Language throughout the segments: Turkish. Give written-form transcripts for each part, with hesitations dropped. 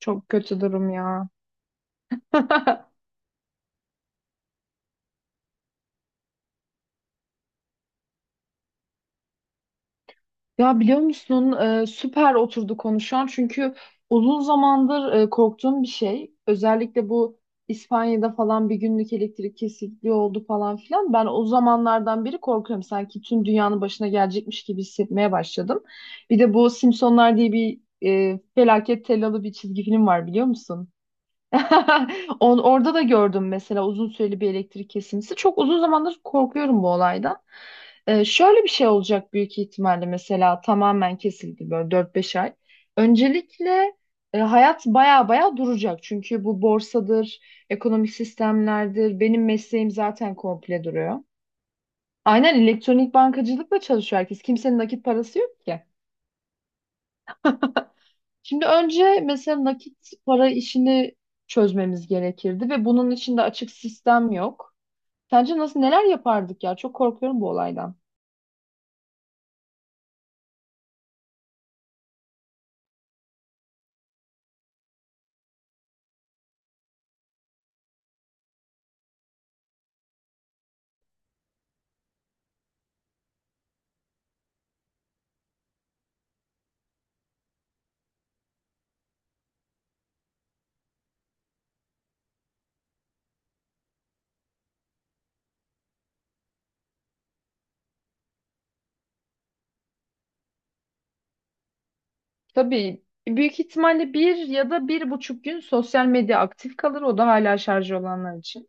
Çok kötü durum ya. Ya biliyor musun? Süper oturdu konuşan çünkü uzun zamandır korktuğum bir şey. Özellikle bu İspanya'da falan bir günlük elektrik kesikliği oldu falan filan. Ben o zamanlardan beri korkuyorum. Sanki tüm dünyanın başına gelecekmiş gibi hissetmeye başladım. Bir de bu Simpsonlar diye bir felaket tellalı bir çizgi film var, biliyor musun? Orada da gördüm mesela, uzun süreli bir elektrik kesintisi. Çok uzun zamandır korkuyorum bu olaydan. Şöyle bir şey olacak büyük ihtimalle, mesela tamamen kesildi böyle 4 5 ay. Öncelikle hayat baya baya duracak. Çünkü bu borsadır, ekonomik sistemlerdir. Benim mesleğim zaten komple duruyor. Aynen, elektronik bankacılıkla çalışıyor herkes. Kimsenin nakit parası yok ki. Şimdi önce mesela nakit para işini çözmemiz gerekirdi ve bunun için de açık sistem yok. Sence nasıl, neler yapardık ya? Çok korkuyorum bu olaydan. Tabii büyük ihtimalle bir ya da bir buçuk gün sosyal medya aktif kalır. O da hala şarjı olanlar için.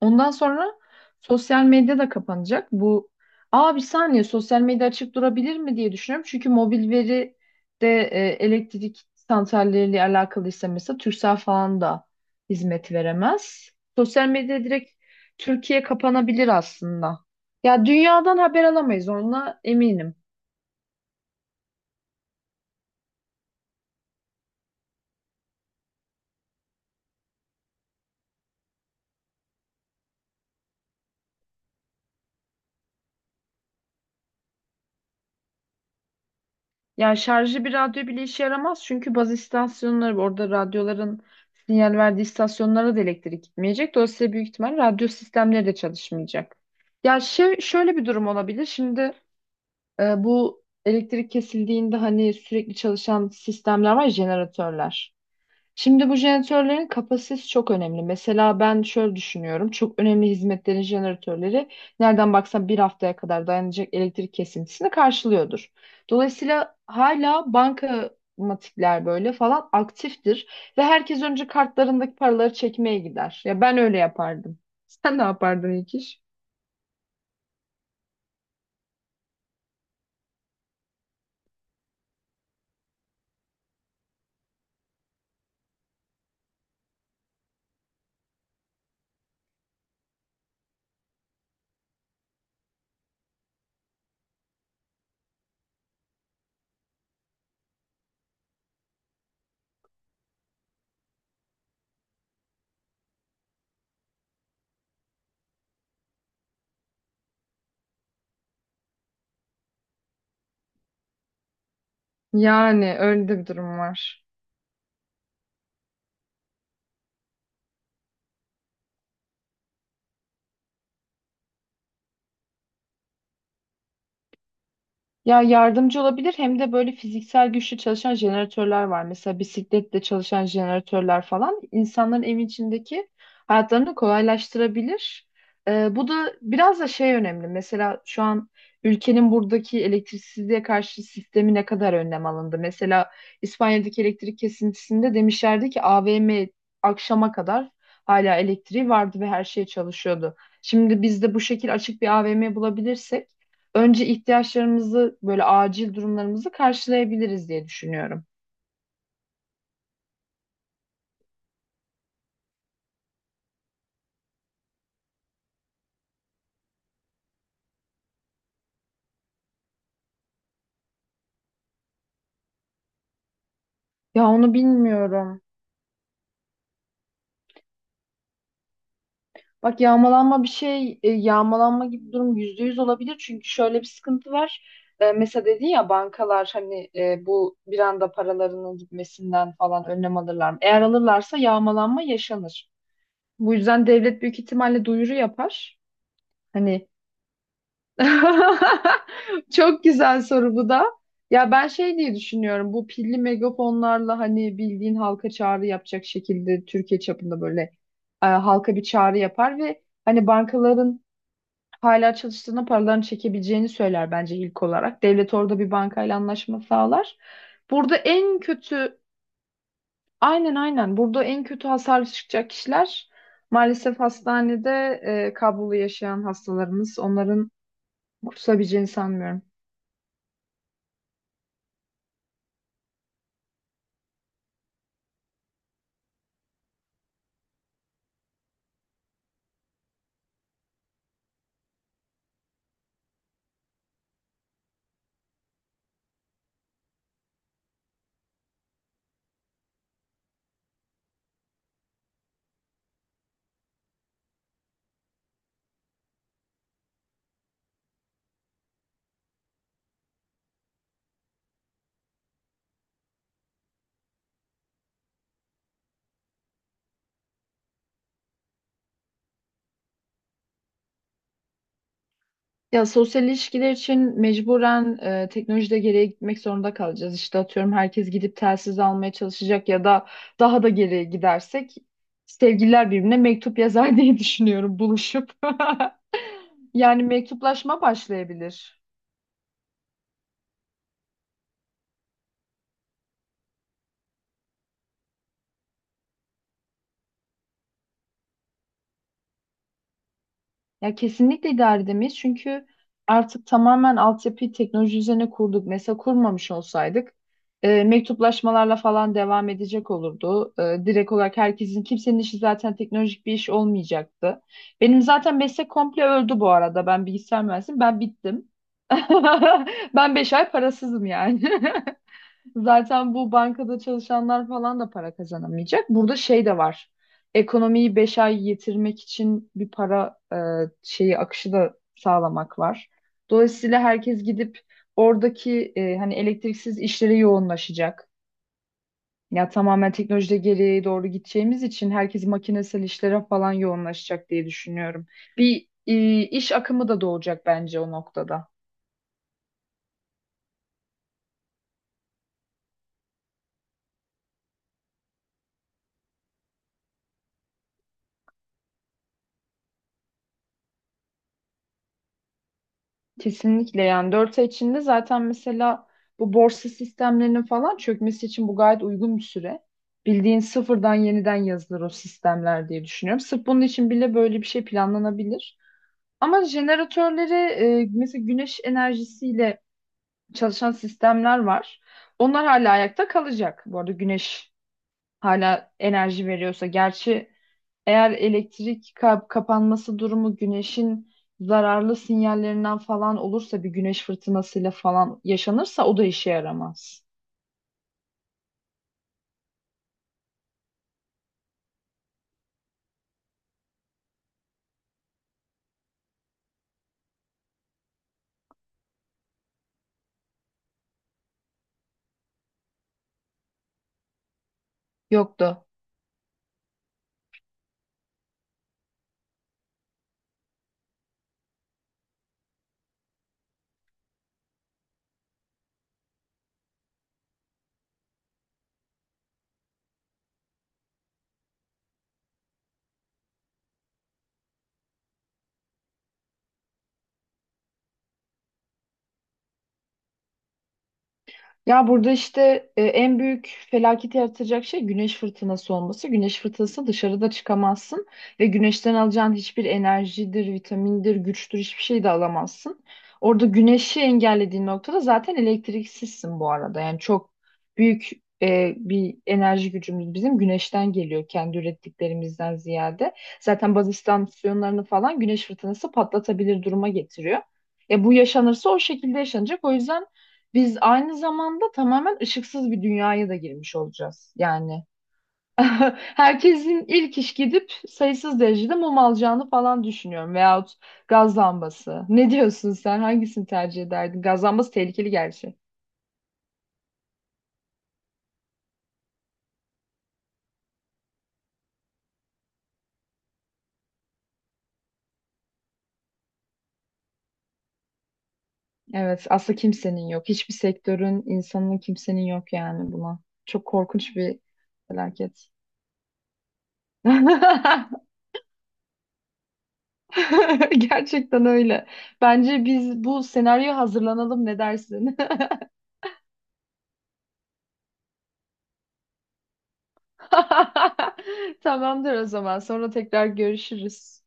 Ondan sonra sosyal medya da kapanacak. Bu aa, bir saniye, sosyal medya açık durabilir mi diye düşünüyorum. Çünkü mobil veri de elektrik santralleriyle alakalıysa, mesela Turkcell falan da hizmet veremez. Sosyal medya direkt Türkiye kapanabilir aslında. Ya dünyadan haber alamayız onunla, eminim. Ya şarjlı bir radyo bile işe yaramaz, çünkü baz istasyonları, orada radyoların sinyal verdiği istasyonlara da elektrik gitmeyecek. Dolayısıyla büyük ihtimal radyo sistemleri de çalışmayacak. Ya şey, şöyle bir durum olabilir. Şimdi bu elektrik kesildiğinde hani sürekli çalışan sistemler var ya, jeneratörler. Şimdi bu jeneratörlerin kapasitesi çok önemli. Mesela ben şöyle düşünüyorum. Çok önemli hizmetlerin jeneratörleri nereden baksan 1 haftaya kadar dayanacak elektrik kesintisini karşılıyordur. Dolayısıyla hala bankamatikler böyle falan aktiftir ve herkes önce kartlarındaki paraları çekmeye gider. Ya ben öyle yapardım. Sen ne yapardın ilk iş? Yani öyle de bir durum var. Ya yardımcı olabilir hem de böyle fiziksel güçlü çalışan jeneratörler var. Mesela bisikletle çalışan jeneratörler falan insanların evin içindeki hayatlarını kolaylaştırabilir. Bu da biraz da şey önemli. Mesela şu an ülkenin buradaki elektriksizliğe karşı sistemi, ne kadar önlem alındı? Mesela İspanya'daki elektrik kesintisinde demişlerdi ki AVM akşama kadar hala elektriği vardı ve her şey çalışıyordu. Şimdi biz de bu şekil açık bir AVM bulabilirsek önce ihtiyaçlarımızı, böyle acil durumlarımızı karşılayabiliriz diye düşünüyorum. Ya onu bilmiyorum. Bak, yağmalanma bir şey, yağmalanma gibi durum %100 olabilir. Çünkü şöyle bir sıkıntı var. E, mesela dedin ya, bankalar hani bu bir anda paralarının gitmesinden falan önlem alırlar mı? Eğer alırlarsa yağmalanma yaşanır. Bu yüzden devlet büyük ihtimalle duyuru yapar. Hani çok güzel soru bu da. Ya ben şey diye düşünüyorum. Bu pilli megafonlarla hani bildiğin halka çağrı yapacak şekilde Türkiye çapında böyle halka bir çağrı yapar ve hani bankaların hala çalıştığına, paralarını çekebileceğini söyler bence ilk olarak. Devlet orada bir bankayla anlaşma sağlar. Burada en kötü, aynen, aynen, burada en kötü hasarlı çıkacak kişiler maalesef hastanede kablolu yaşayan hastalarımız. Onların kurtulabileceğini sanmıyorum. Ya sosyal ilişkiler için mecburen teknolojide geriye gitmek zorunda kalacağız. İşte atıyorum herkes gidip telsiz almaya çalışacak ya da daha da geriye gidersek sevgililer birbirine mektup yazar diye düşünüyorum, buluşup. Yani mektuplaşma başlayabilir. Ya kesinlikle idare edemeyiz çünkü artık tamamen altyapıyı teknoloji üzerine kurduk. Mesela kurmamış olsaydık mektuplaşmalarla falan devam edecek olurdu. E, direkt olarak herkesin, kimsenin işi zaten teknolojik bir iş olmayacaktı. Benim zaten meslek komple öldü bu arada. Ben bilgisayar mühendisiyim, ben bittim. Ben 5 ay parasızım yani. Zaten bu bankada çalışanlar falan da para kazanamayacak. Burada şey de var. Ekonomiyi 5 ay yetirmek için bir para şeyi, akışı da sağlamak var. Dolayısıyla herkes gidip oradaki hani elektriksiz işlere yoğunlaşacak. Ya tamamen teknolojide geriye doğru gideceğimiz için herkes makinesel işlere falan yoğunlaşacak diye düşünüyorum. Bir iş akımı da doğacak bence o noktada. Kesinlikle, yani 4 ay içinde zaten mesela bu borsa sistemlerinin falan çökmesi için bu gayet uygun bir süre. Bildiğin sıfırdan yeniden yazılır o sistemler diye düşünüyorum. Sırf bunun için bile böyle bir şey planlanabilir. Ama jeneratörleri mesela güneş enerjisiyle çalışan sistemler var. Onlar hala ayakta kalacak. Bu arada güneş hala enerji veriyorsa. Gerçi eğer elektrik kapanması durumu güneşin zararlı sinyallerinden falan olursa, bir güneş fırtınasıyla falan yaşanırsa o da işe yaramaz. Yoktu. Ya burada işte en büyük felaketi yaratacak şey güneş fırtınası olması. Güneş fırtınası, dışarıda çıkamazsın ve güneşten alacağın hiçbir enerjidir, vitamindir, güçtür, hiçbir şey de alamazsın. Orada güneşi engellediğin noktada zaten elektriksizsin bu arada. Yani çok büyük bir enerji gücümüz bizim güneşten geliyor, kendi ürettiklerimizden ziyade. Zaten baz istasyonlarını falan güneş fırtınası patlatabilir duruma getiriyor. E, bu yaşanırsa o şekilde yaşanacak. O yüzden biz aynı zamanda tamamen ışıksız bir dünyaya da girmiş olacağız. Yani herkesin ilk iş gidip sayısız derecede mum alacağını falan düşünüyorum. Veyahut gaz lambası. Ne diyorsun sen? Hangisini tercih ederdin? Gaz lambası tehlikeli gerçi. Evet, aslında kimsenin yok. Hiçbir sektörün, insanın, kimsenin yok yani buna. Çok korkunç bir felaket. Gerçekten öyle. Bence biz bu senaryoya hazırlanalım. Ne dersin? Tamamdır o zaman. Sonra tekrar görüşürüz.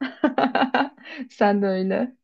Sen de öyle.